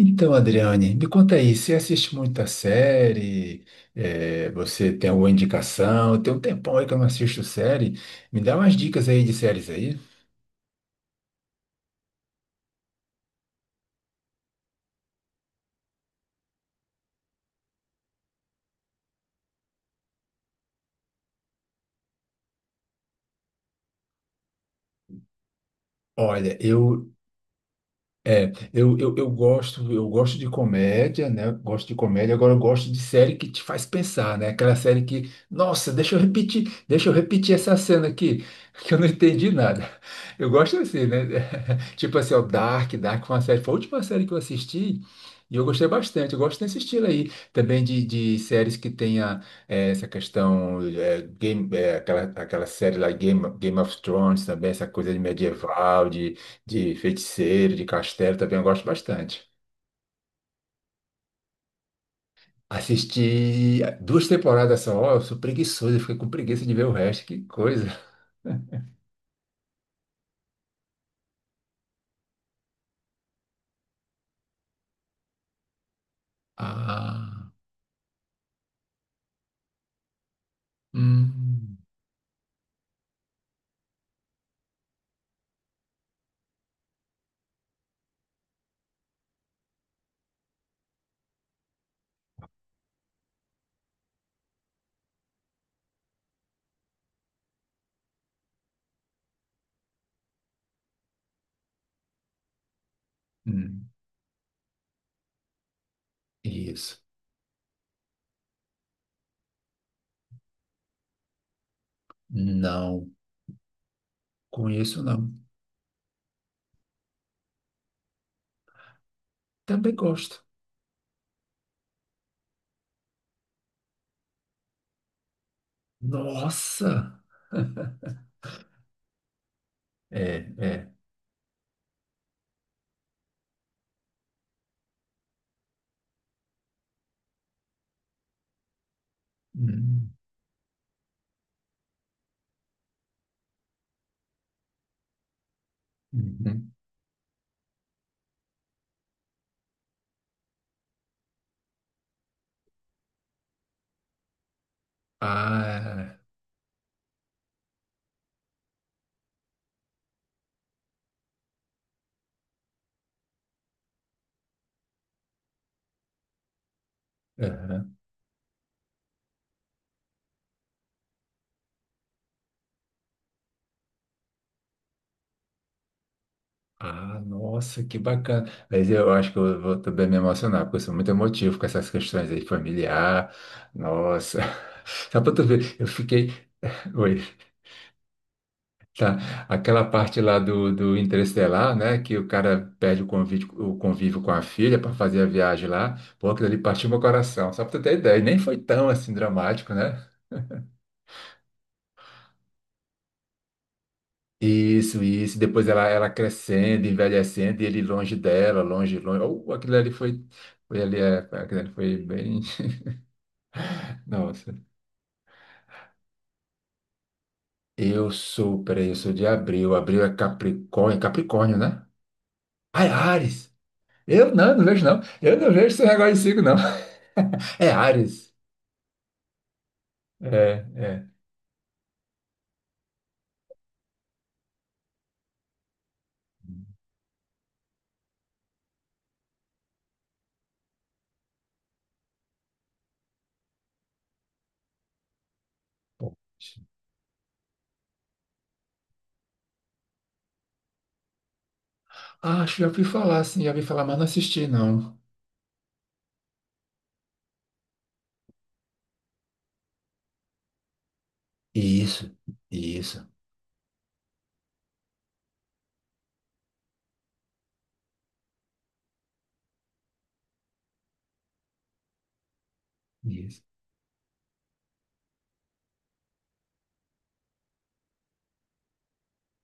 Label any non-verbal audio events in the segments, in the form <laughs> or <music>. Então, Adriane, me conta aí, você assiste muita série? Você tem alguma indicação? Tem um tempão aí que eu não assisto série. Me dá umas dicas aí de séries aí. Olha, eu, eu gosto de comédia, né? Eu gosto de comédia, agora eu gosto de série que te faz pensar, né? Aquela série que, nossa, deixa eu repetir essa cena aqui, <laughs> que eu não entendi nada. Eu gosto assim, né? <laughs> Tipo assim, o Dark foi uma série, foi a última série que eu assisti e eu gostei bastante. Eu gosto desse estilo aí, também de séries que tenha essa questão, game, aquela série lá, Game of Thrones também, essa coisa de medieval, de feiticeiro, de castelo também eu gosto bastante. Assisti duas temporadas só, eu sou preguiçoso, eu fiquei com preguiça de ver o resto, que coisa. <laughs> Ah, hum, hum, isso. Não conheço, não. Também gosto. Nossa! É, é. Hum, uhum. Ah, é, aham. Ah, nossa, que bacana. Mas eu acho que eu vou também me emocionar, porque eu sou muito emotivo com essas questões aí familiar. Nossa. <laughs> Só para tu ver, eu fiquei. <laughs> Oi, tá. Aquela parte lá do Interestelar, né? Que o cara perde o convívio com a filha para fazer a viagem lá. Pô, aquilo ali partiu meu coração. Só para tu ter ideia. E nem foi tão assim dramático, né? Isso, isso. Depois ela crescendo, envelhecendo, e ele longe dela, longe, longe. Oh, aquilo ali foi. Foi ali, é, aquilo ali foi bem. <laughs> Nossa. Eu sou, peraí, eu sou de abril. Abril é Capricórnio, né? Ai, Ares! Eu não vejo, não. Eu não vejo esse negócio de signo, não. <laughs> É Ares. É, é. Ah, acho que já ouvi falar, sim, já ouvi falar, mas não assisti, não. Isso, isso, isso.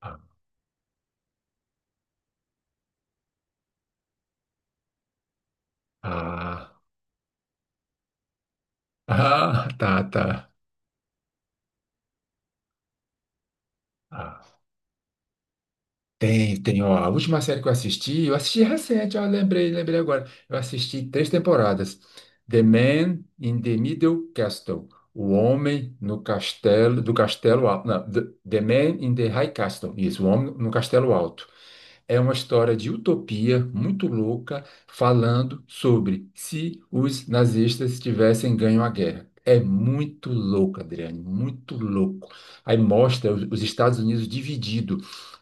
Ah, ah, ah, tá, tá. Ah. Tem, ó, a última série que eu assisti recente, ó, lembrei, lembrei agora. Eu assisti três temporadas. The Man in the Middle Castle. O Homem no Castelo, do Castelo Alto. Não, The Man in the High Castle. Isso, o Homem no Castelo Alto. É uma história de utopia muito louca, falando sobre se os nazistas tivessem ganho a guerra. É muito louco, Adriane, muito louco. Aí mostra os Estados Unidos dividido,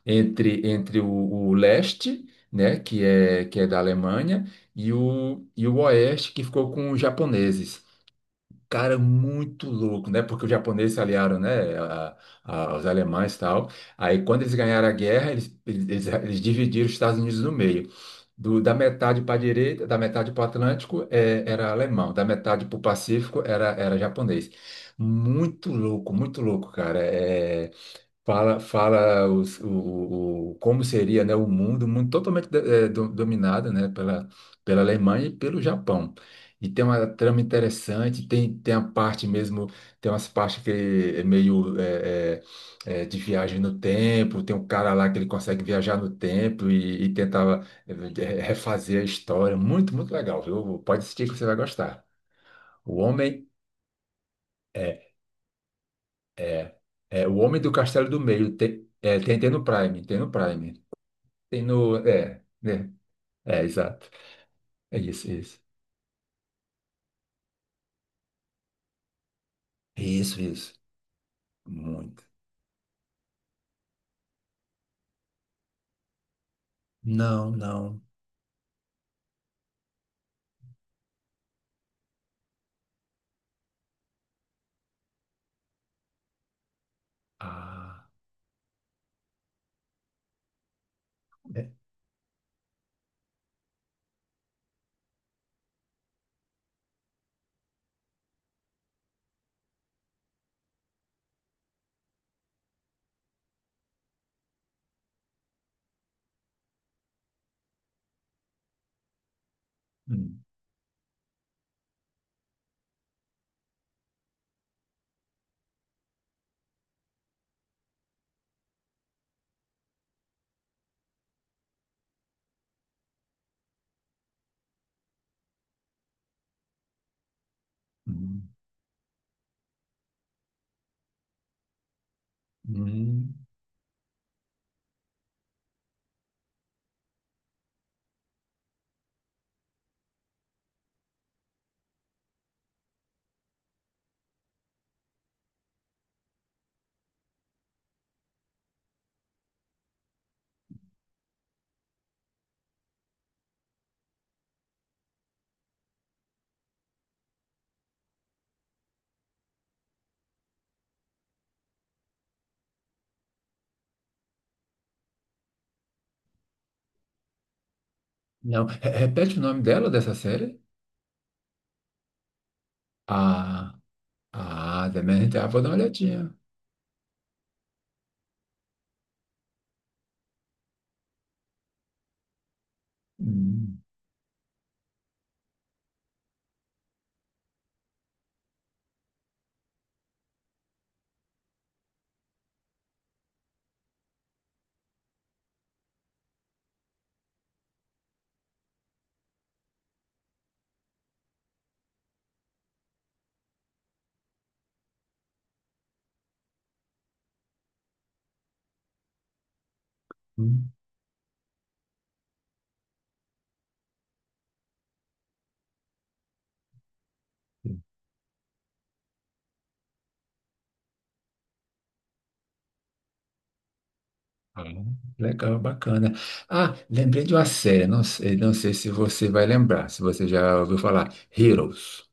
entre o leste, né, que é da Alemanha, e o oeste, que ficou com os japoneses, cara, muito louco, né? Porque os japoneses se aliaram, né, a, aos alemães e tal. Aí, quando eles ganharam a guerra, eles dividiram os Estados Unidos no meio. Da metade para a direita, da metade para o Atlântico, é, era alemão, da metade para o Pacífico, era japonês. Muito louco, cara. É, fala como seria, né, o mundo, um mundo totalmente dominado, né, pela, pela Alemanha e pelo Japão. E tem uma trama interessante, tem a parte mesmo, tem umas partes que é meio de viagem no tempo, tem um cara lá que ele consegue viajar no tempo e tentava refazer a história. Muito, muito legal, viu? Pode assistir que você vai gostar. O Homem é, é, é O Homem do Castelo do Meio, tem, é, tem no Prime, tem no Prime. Tem no. É, né? É, exato. É isso, é isso. Isso, isso. Muito. Não, não. Ah. É. Hum, hum, hum. Não. Repete o nome dela, dessa série? Ah, ah, The Manhunter. Ah, vou dar uma olhadinha. Hum, hum. Hum. Ah, legal, bacana. Ah, lembrei de uma série. Não sei se você vai lembrar, se você já ouviu falar. Heroes.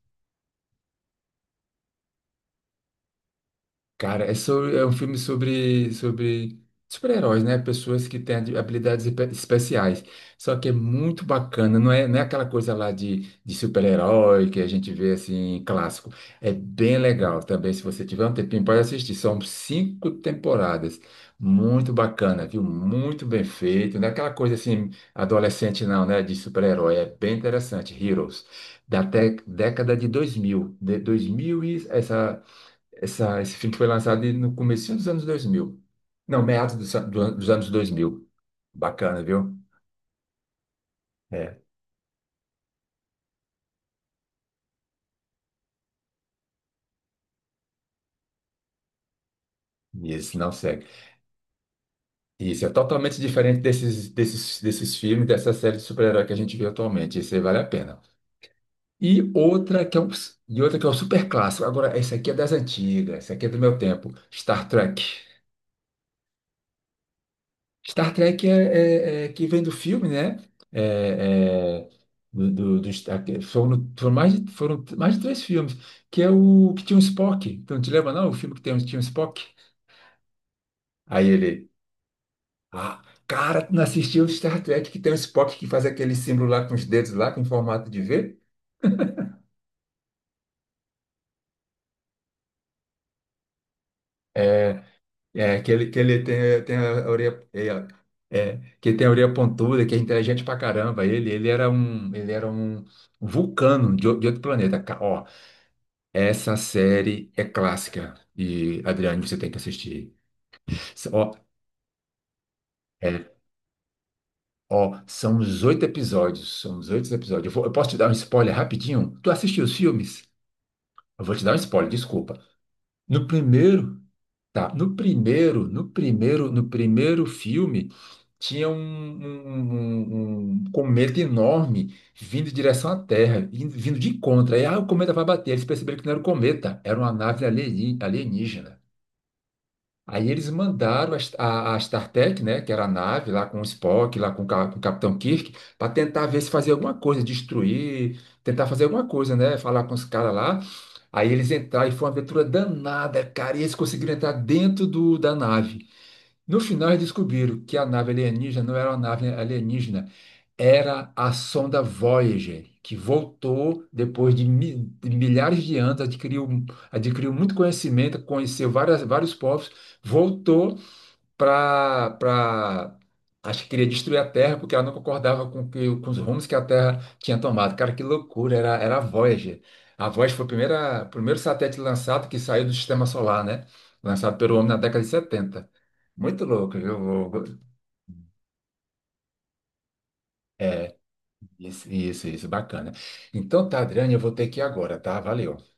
Cara, é, sobre, é um filme sobre super-heróis, né? Pessoas que têm habilidades especiais. Só que é muito bacana, não é aquela coisa lá de super-herói que a gente vê assim, clássico. É bem legal também. Se você tiver um tempinho, pode assistir. São cinco temporadas. Muito bacana, viu? Muito bem feito. Não é aquela coisa assim, adolescente, não, né? De super-herói. É bem interessante. Heroes, da década de 2000. De 2000 e essa. Esse filme foi lançado no começo dos anos 2000. Não, meados dos, dos anos 2000. Bacana, viu? É, e esse não segue. Isso é totalmente diferente desses, desses filmes, dessa série de super-herói que a gente vê atualmente. Esse aí vale a pena. E outra que é um, e outra que é um super clássico. Agora, esse aqui é das antigas, esse aqui é do meu tempo. Star Trek. Star Trek é que vem do filme, né? É, é, que foram mais de três filmes, que é o que tinha o Spock. Então, te lembra, não? O filme que tem, tinha o Spock? Aí ele, ah, cara, tu não assistiu o Star Trek que tem o Spock que faz aquele símbolo lá com os dedos lá, com formato de V? É, é que ele, tem a orelha, é, é, que ele tem a orelha pontuda, que é inteligente pra caramba. Ele era um um vulcano de outro planeta. Ó, essa série é clássica e, Adriane, você tem que assistir. Ó, é, ó, são os oito episódios, eu posso te dar um spoiler rapidinho? Tu assistiu os filmes? Eu vou te dar um spoiler, desculpa. No primeiro, tá, no primeiro filme, tinha um cometa enorme vindo em direção à Terra, vindo de contra. Aí, o cometa vai bater. Eles perceberam que não era o cometa, era uma nave alienígena. Aí eles mandaram a, a StarTech, né, que era a nave lá com o Spock, lá com o, com o Capitão Kirk, para tentar ver se fazia alguma coisa, destruir, tentar fazer alguma coisa, né, falar com os caras lá. Aí eles entraram e foi uma aventura danada, cara, e eles conseguiram entrar dentro da nave. No final, eles descobriram que a nave alienígena não era uma nave alienígena, era a sonda Voyager, que voltou depois de de milhares de anos, adquiriu muito conhecimento, conheceu vários povos, voltou para, acho que queria destruir a Terra, porque ela não concordava com os rumos que a Terra tinha tomado. Cara, que loucura, era a Voyager. A Voyager foi o primeiro satélite lançado que saiu do sistema solar, né? Lançado pelo homem na década de 70. Muito louco, viu? Isso, bacana. Então tá, Adriane, eu vou ter que ir agora, tá? Valeu.